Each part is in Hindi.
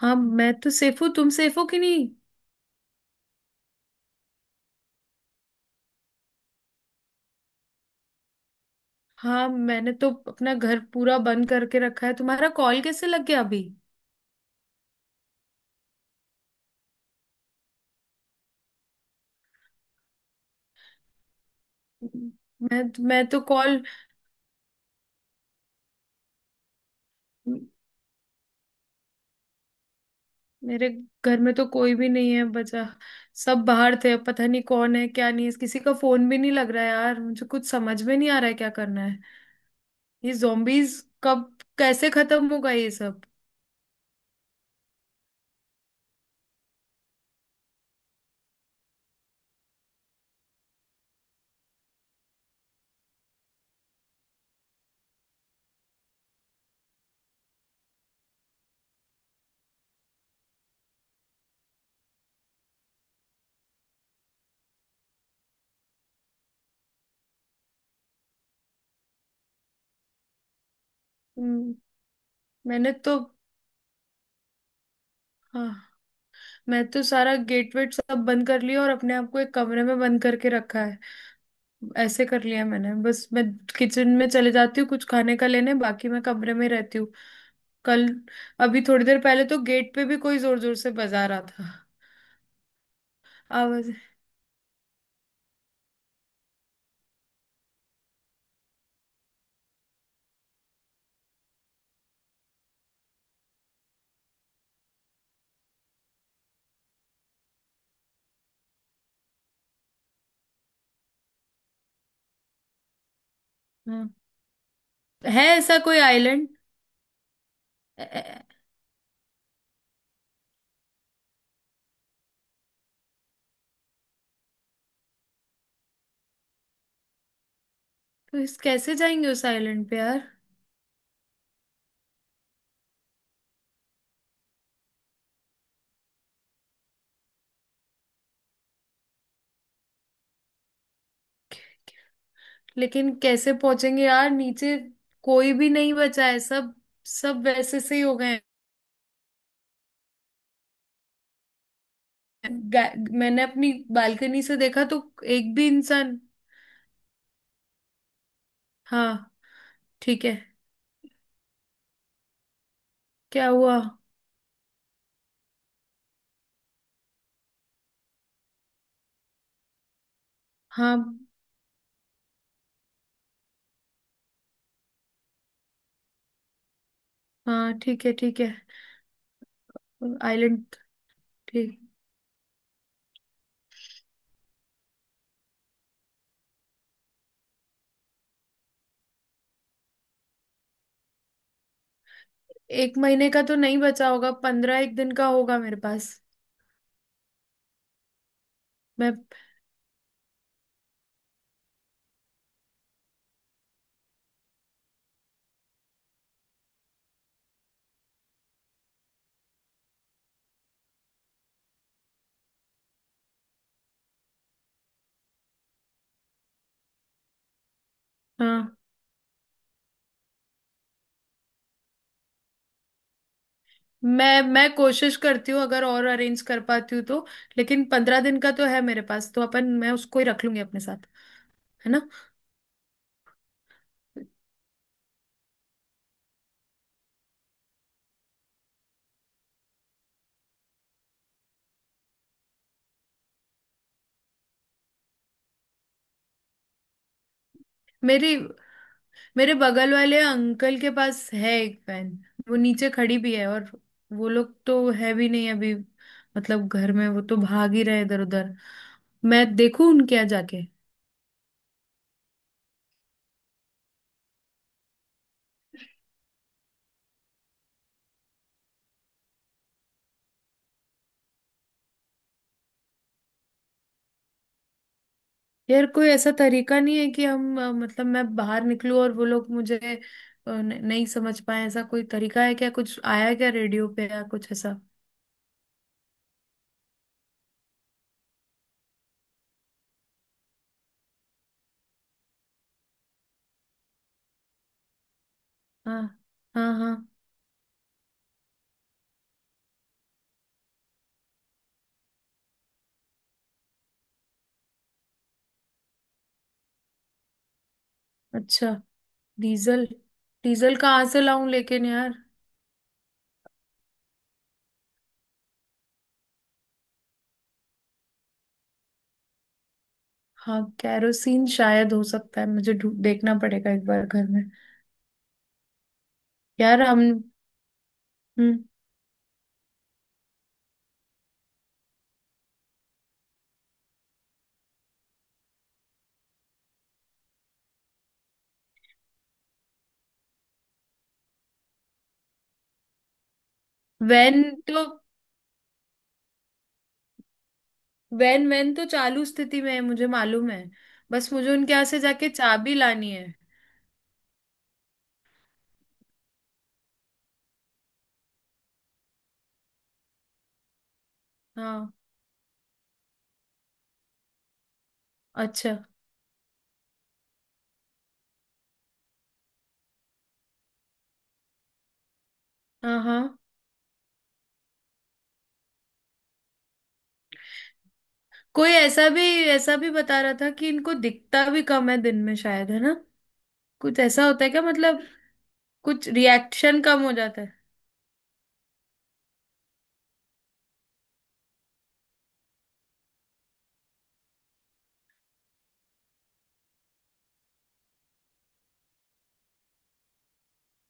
हाँ मैं तो सेफ हूँ। तुम सेफ हो कि नहीं। हाँ मैंने तो अपना घर पूरा बंद करके रखा है। तुम्हारा कॉल कैसे लग गया अभी। मैं तो कॉल। मेरे घर में तो कोई भी नहीं है बचा। सब बाहर थे, अब पता नहीं कौन है क्या नहीं है, किसी का फोन भी नहीं लग रहा है यार। मुझे कुछ समझ में नहीं आ रहा है क्या करना है। ये zombies कब कैसे खत्म होगा ये सब। हम्म, मैंने तो। हाँ, मैं तो सारा गेट वेट सब बंद कर लिया और अपने आप को एक कमरे में बंद करके रखा। ऐसे कर लिया मैंने। बस मैं किचन में चले जाती हूँ कुछ खाने का लेने, बाकी मैं कमरे में रहती हूँ। कल, अभी थोड़ी देर पहले तो गेट पे भी कोई जोर जोर से बजा रहा था। आवाज। हाँ, है ऐसा कोई आइलैंड। तो इस कैसे जाएंगे उस आइलैंड पे यार। लेकिन कैसे पहुंचेंगे यार, नीचे कोई भी नहीं बचा है। सब सब वैसे से ही हो गए हैं। मैंने अपनी बालकनी से देखा तो एक भी इंसान। हाँ, ठीक है। क्या हुआ। हाँ हाँ, ठीक है ठीक है। आइलैंड। ठीक। एक महीने का तो नहीं बचा होगा, पंद्रह एक दिन का होगा मेरे पास। मैं। हाँ, मैं कोशिश करती हूँ, अगर और अरेंज कर पाती हूँ तो। लेकिन पंद्रह दिन का तो है मेरे पास, तो अपन मैं उसको ही रख लूंगी अपने साथ। है ना। मेरी, मेरे बगल वाले अंकल के पास है एक वैन। वो नीचे खड़ी भी है, और वो लोग तो है भी नहीं अभी, मतलब घर में। वो तो भाग ही रहे इधर उधर। मैं देखूं उनके यहाँ जाके। यार, कोई ऐसा तरीका नहीं है कि हम मतलब मैं बाहर निकलूं और वो लोग मुझे नहीं समझ पाए। ऐसा कोई तरीका है क्या, कुछ आया क्या रेडियो पे या कुछ ऐसा। हाँ हाँ। हाँ, अच्छा। डीजल। डीजल कहाँ से लाऊं लेकिन यार। हाँ, कैरोसिन शायद हो सकता है, मुझे देखना पड़ेगा एक बार घर में। यार हम। हम्म वैन, तो वैन वैन तो चालू स्थिति में है मुझे मालूम है। बस मुझे उनके यहाँ से जाके चाबी लानी है। हाँ। अच्छा। हाँ हाँ, कोई ऐसा भी, ऐसा भी बता रहा था कि इनको दिखता भी कम है दिन में शायद, है ना। कुछ ऐसा होता है क्या मतलब, कुछ रिएक्शन कम हो जाता है।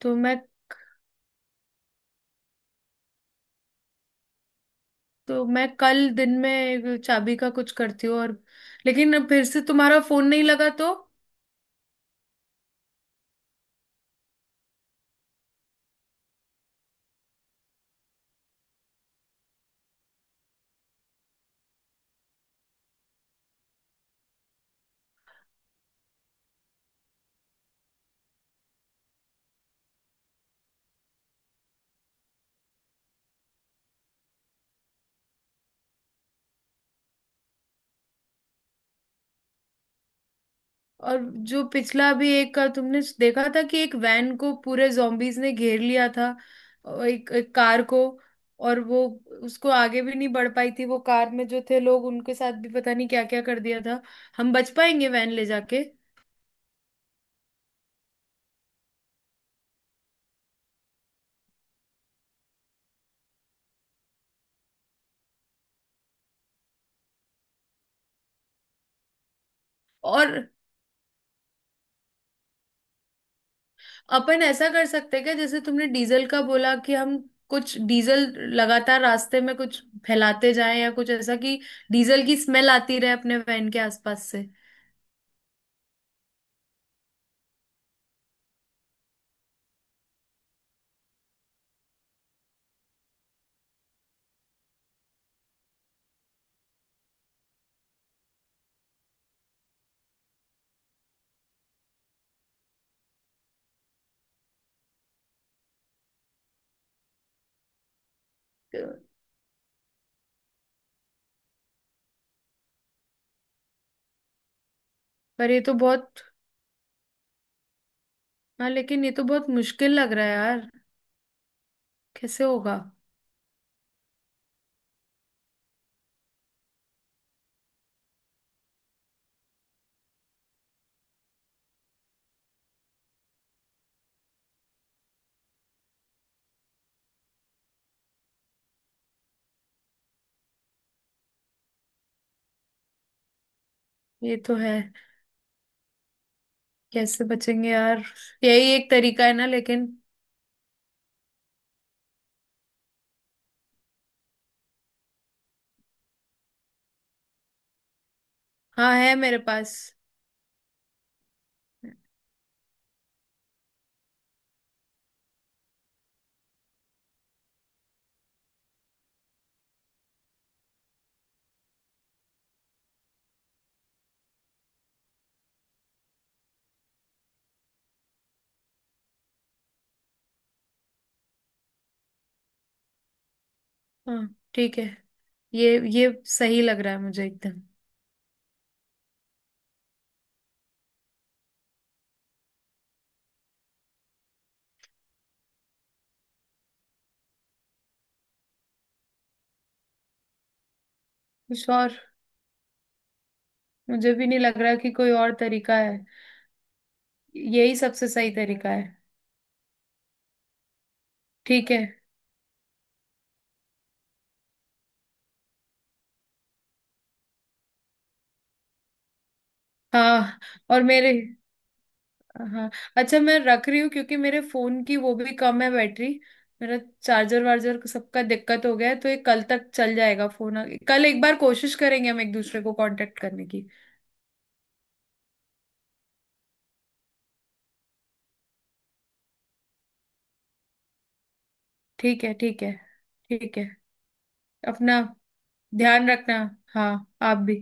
तो मैं, तो मैं कल दिन में चाबी का कुछ करती हूँ। और लेकिन अब फिर से तुम्हारा फोन नहीं लगा तो। और जो पिछला भी एक का तुमने देखा था कि एक वैन को पूरे zombies ने घेर लिया था और एक कार को, और वो उसको आगे भी नहीं बढ़ पाई थी वो कार, में जो थे लोग उनके साथ भी पता नहीं क्या क्या कर दिया था। हम बच पाएंगे वैन ले जाके। और अपन ऐसा कर सकते हैं क्या, जैसे तुमने डीजल का बोला, कि हम कुछ डीजल लगातार रास्ते में कुछ फैलाते जाएं, या कुछ ऐसा कि डीजल की स्मेल आती रहे अपने वैन के आसपास से। पर ये तो बहुत, हाँ लेकिन ये तो बहुत मुश्किल लग रहा है यार। कैसे होगा। ये तो है। कैसे बचेंगे यार। यही एक तरीका है ना, लेकिन। हाँ, है मेरे पास। हाँ ठीक है, ये सही लग रहा है मुझे एकदम। कुछ और, मुझे भी नहीं लग रहा कि कोई और तरीका है। यही सबसे सही तरीका है। ठीक है। हाँ, और मेरे। हाँ, अच्छा मैं रख रही हूँ क्योंकि मेरे फोन की वो भी कम है बैटरी। मेरा चार्जर वार्जर सबका दिक्कत हो गया है, तो ये कल तक चल जाएगा फोन। कल एक बार कोशिश करेंगे हम एक दूसरे को कांटेक्ट करने की। ठीक है ठीक है। ठीक है। अपना ध्यान रखना। हाँ, आप भी।